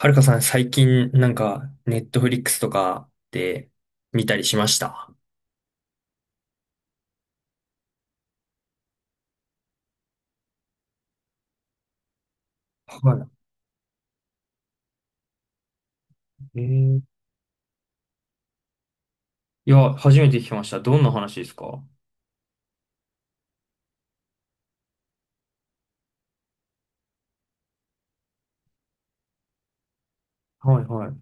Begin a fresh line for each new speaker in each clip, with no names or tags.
はるかさん、最近、なんか、ネットフリックスとかで見たりしました？はい。いや、初めて聞きました。どんな話ですか？はいは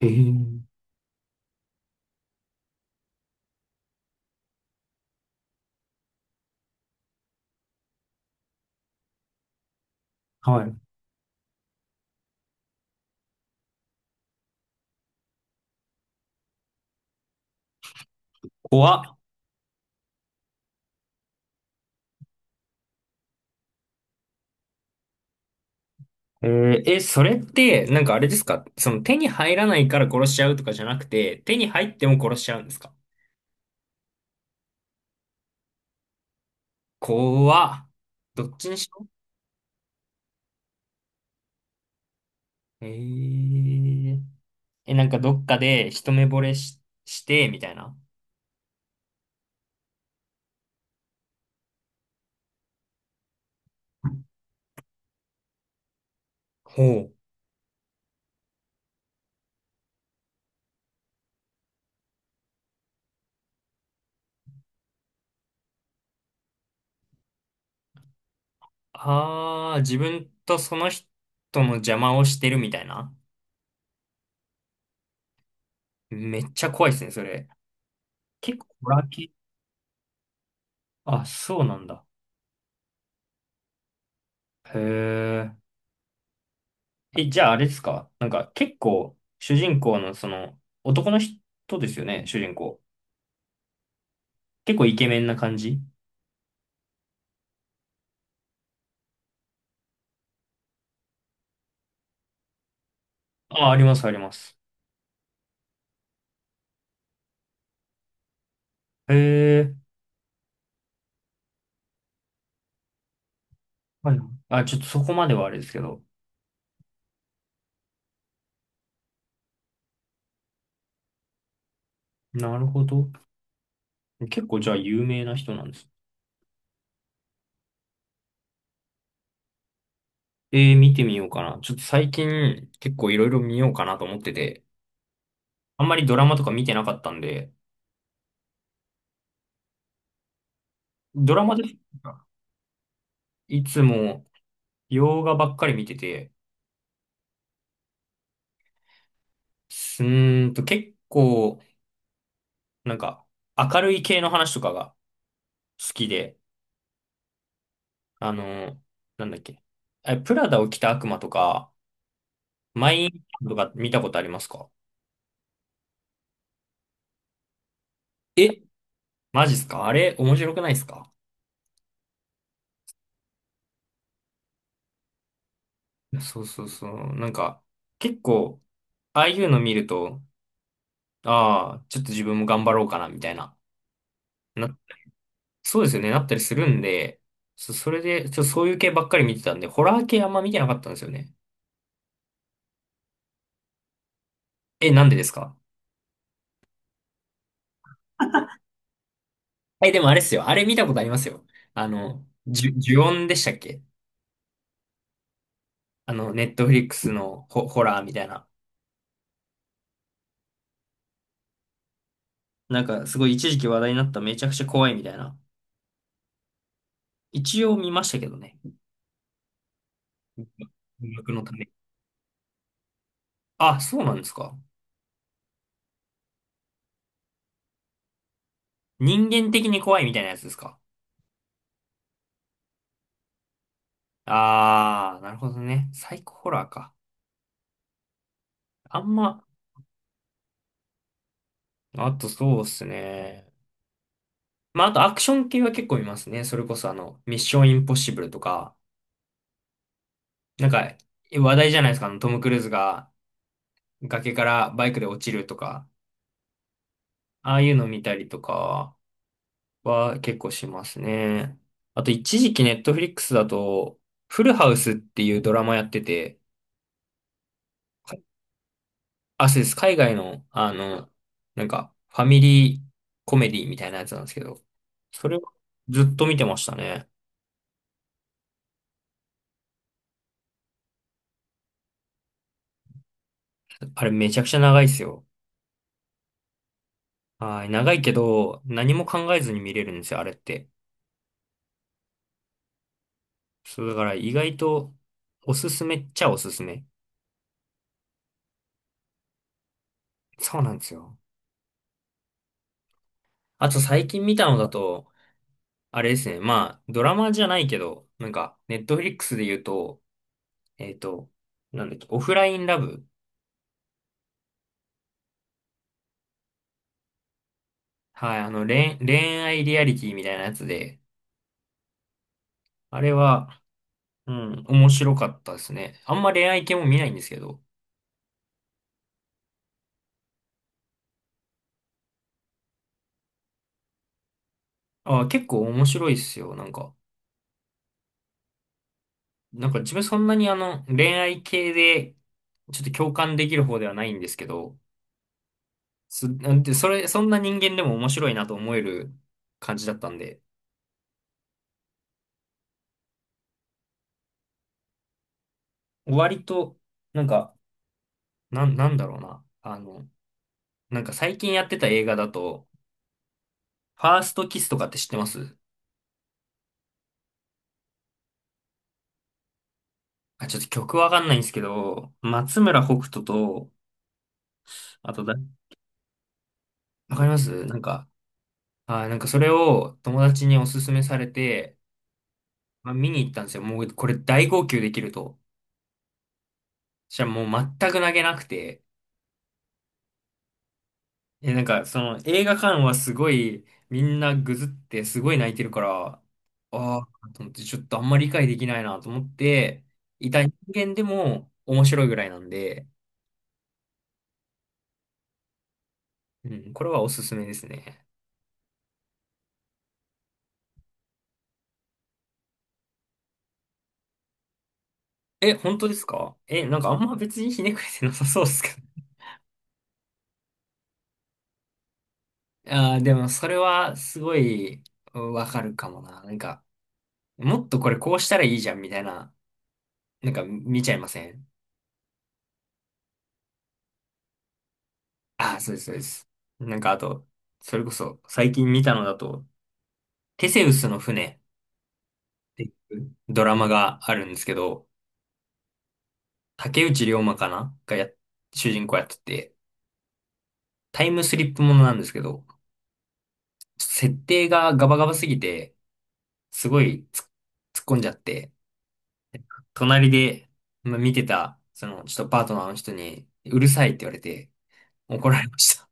い。はい。怖っ。え、それって、なんかあれですか？その手に入らないから殺しちゃうとかじゃなくて、手に入っても殺しちゃうんですか？怖っ。どっちにしろ。えー、え、なんかどっかで一目惚れし、して、みたいな。ほう。ああ、自分とその人の邪魔をしてるみたいな。めっちゃ怖いですね、それ。結構、ホラー系。あ、そうなんだ。へえ。え、じゃああれですか？なんか結構、主人公のその、男の人ですよね、主人公。結構イケメンな感じ？あ、あります、あります。へえ。はい。あ、ちょっとそこまではあれですけど。なるほど。結構じゃあ有名な人なんです？見てみようかな。ちょっと最近結構いろいろ見ようかなと思ってて。あんまりドラマとか見てなかったんで、ドラマですか？いつも洋画ばっかり見てて、すーんと結構、なんか明るい系の話とかが好きで、あの、なんだっけ。え、プラダを着た悪魔とか、マインカンとか見たことありますか？え、マジっすか？あれ面白くないっすか？そうそうそう。なんか、結構、ああいうの見ると、ああ、ちょっと自分も頑張ろうかな、みたいな。そうですよね、なったりするんで、それで、そういう系ばっかり見てたんで、ホラー系あんま見てなかったんですよね。え、なんでですか？え、でもあれっすよ。あれ見たことありますよ。あの、ジュオンでしたっけ？あの、ネットフリックスのホラーみたいな。なんか、すごい一時期話題になっためちゃくちゃ怖いみたいな。一応見ましたけどね。音楽のため。あ、そうなんですか。人間的に怖いみたいなやつですか？あー、なるほどね。サイコホラーか。あんま、あとそうっすね。まあ、あとアクション系は結構見ますね。それこそミッションインポッシブルとか、なんか話題じゃないですか。あのトム・クルーズが崖からバイクで落ちるとか、ああいうの見たりとかは結構しますね。あと一時期ネットフリックスだと、フルハウスっていうドラマやってて、あ、そうです。海外の、なんかファミリーコメディみたいなやつなんですけど、それをずっと見てましたね。あれめちゃくちゃ長いですよ。はい、長いけど、何も考えずに見れるんですよ、あれって。そう、だから意外と、おすすめっちゃおすすめ。そうなんですよ。あと最近見たのだと、あれですね、まあ、ドラマじゃないけど、なんか、ネットフリックスで言うと、えっと、なんだっけ、オフラインラブ。はい、恋愛リアリティみたいなやつで、あれは、うん、面白かったですね。あんま恋愛系も見ないんですけど、あ、結構面白いっすよ、なんか。なんか自分そんなにあの、恋愛系で、ちょっと共感できる方ではないんですけど、す、なんて、それ、そんな人間でも面白いなと思える感じだったんで、割と、なんか、なんだろうな。あの、なんか最近やってた映画だと、ファーストキスとかって知ってます？あ、ちょっと曲わかんないんですけど、松村北斗と、あとだ、わかります？なんか、あ、なんかそれを友達におすすめされて、まあ、見に行ったんですよ。もうこれ大号泣できると。じゃあもう全く泣けなくて、え、なんかその映画館はすごいみんなぐずってすごい泣いてるから、あ、あ、と思ってちょっとあんまり理解できないなと思って、いた人間でも面白いぐらいなんで、うん、これはおすすめですね。え、本当ですか？え、なんかあんま別にひねくれてなさそうですけど。ああ、でもそれはすごいうんわかるかもな。なんか、もっとこれこうしたらいいじゃんみたいな、なんか見ちゃいません？ああ、そうです、そうです。なんかあと、それこそ最近見たのだと、テセウスの船っていうドラマがあるんですけど、竹内涼真かながや、主人公やってて、タイムスリップものなんですけど、設定がガバガバすぎて、すごい突っ込んじゃって、隣で、まあ、見てた、その、ちょっとパートナーの人に、うるさいって言われて、怒られました。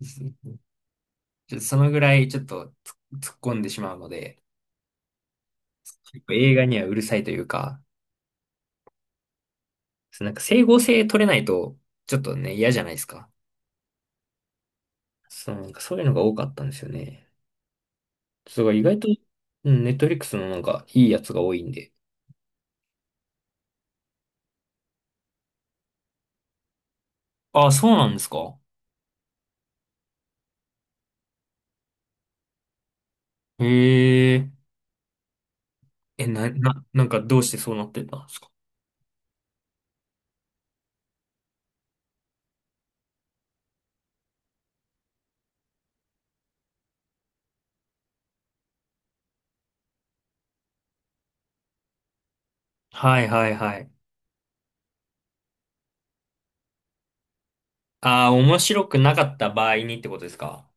ちょっとそのぐらいちょっと突っ込んでしまうので、やっぱ映画にはうるさいというか、そうなんか整合性取れないと、ちょっとね、嫌じゃないですか。そう、なんかそういうのが多かったんですよね。そう、意外と、うん、ネットフリックスのなんかいいやつが多いんで。ああ、そうなんですか。へえ。え、なんかどうしてそうなってたんですか。はいはいはい。ああ、面白くなかった場合にってことですか。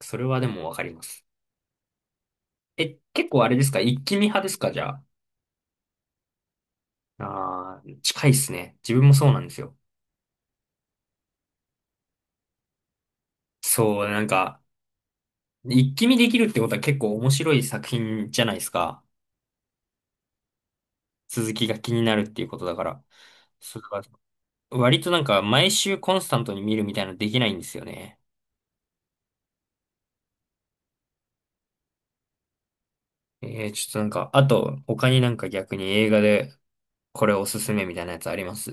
それはでもわかります。え、結構あれですか？一気見派ですか？じゃあ。ああ、近いっすね。自分もそうなんですよ。そう、なんか、一気見できるってことは結構面白い作品じゃないですか。続きが気になるっていうことだから。それは割となんか毎週コンスタントに見るみたいなのできないんですよね。ちょっとなんか、あと他になんか逆に映画でこれおすすめみたいなやつあります？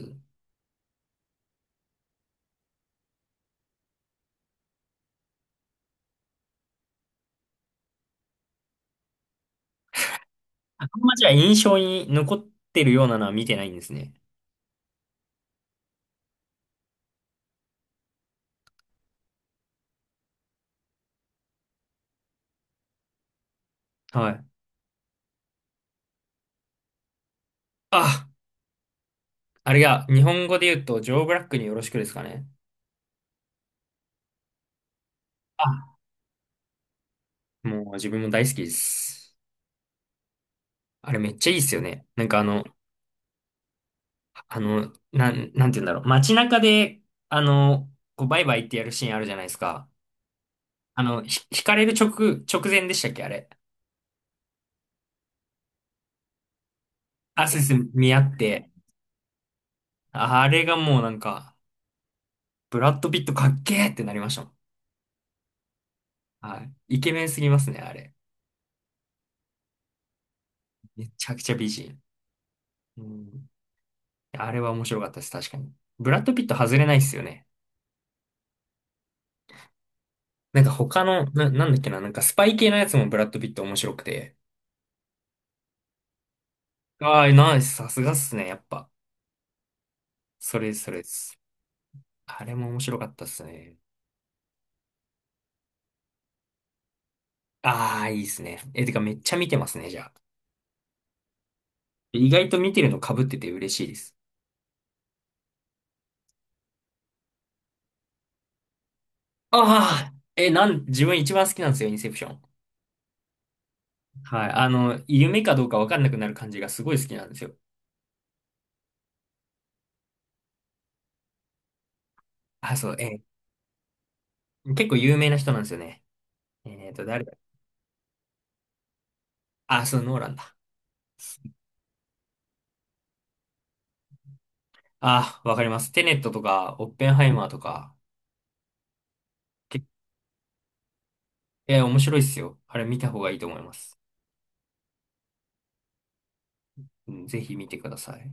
あんまじゃあ印象に残ってるようなのは見てないんですね。はい。あ、あれが日本語で言うとジョー・ブラックによろしくですかね。あ、もう自分も大好きです。あれめっちゃいいっすよね。なんかなんて言うんだろう。街中で、あの、こうバイバイってやるシーンあるじゃないですか。あの、引かれる直、直前でしたっけ、あれ。あ、そうです。見合って。あれがもうなんか、ブラッド・ピットかっけーってなりましたもん。はい。イケメンすぎますね、あれ。めちゃくちゃ美人。うん。あれは面白かったです、確かに。ブラッド・ピット外れないっすよね。なんか他の、なんだっけな、なんかスパイ系のやつもブラッド・ピット面白くて。ああ、ナイス、さすがっすね、やっぱ。それです、それです。あれも面白かったっすね。ああ、いいっすね。え、てかめっちゃ見てますね、じゃあ。意外と見てるの被ってて嬉しいです。ああ、え、自分一番好きなんですよ、インセプション。はい。あの、夢かどうかわかんなくなる感じがすごい好きなんですよ。あ、そう、結構有名な人なんですよね。誰だ？あ、そう、ノーランだ。あ、わかります。テネットとか、オッペンハイマーとか、け面白いっすよ。あれ見た方がいいと思います。うん、ぜひ見てください。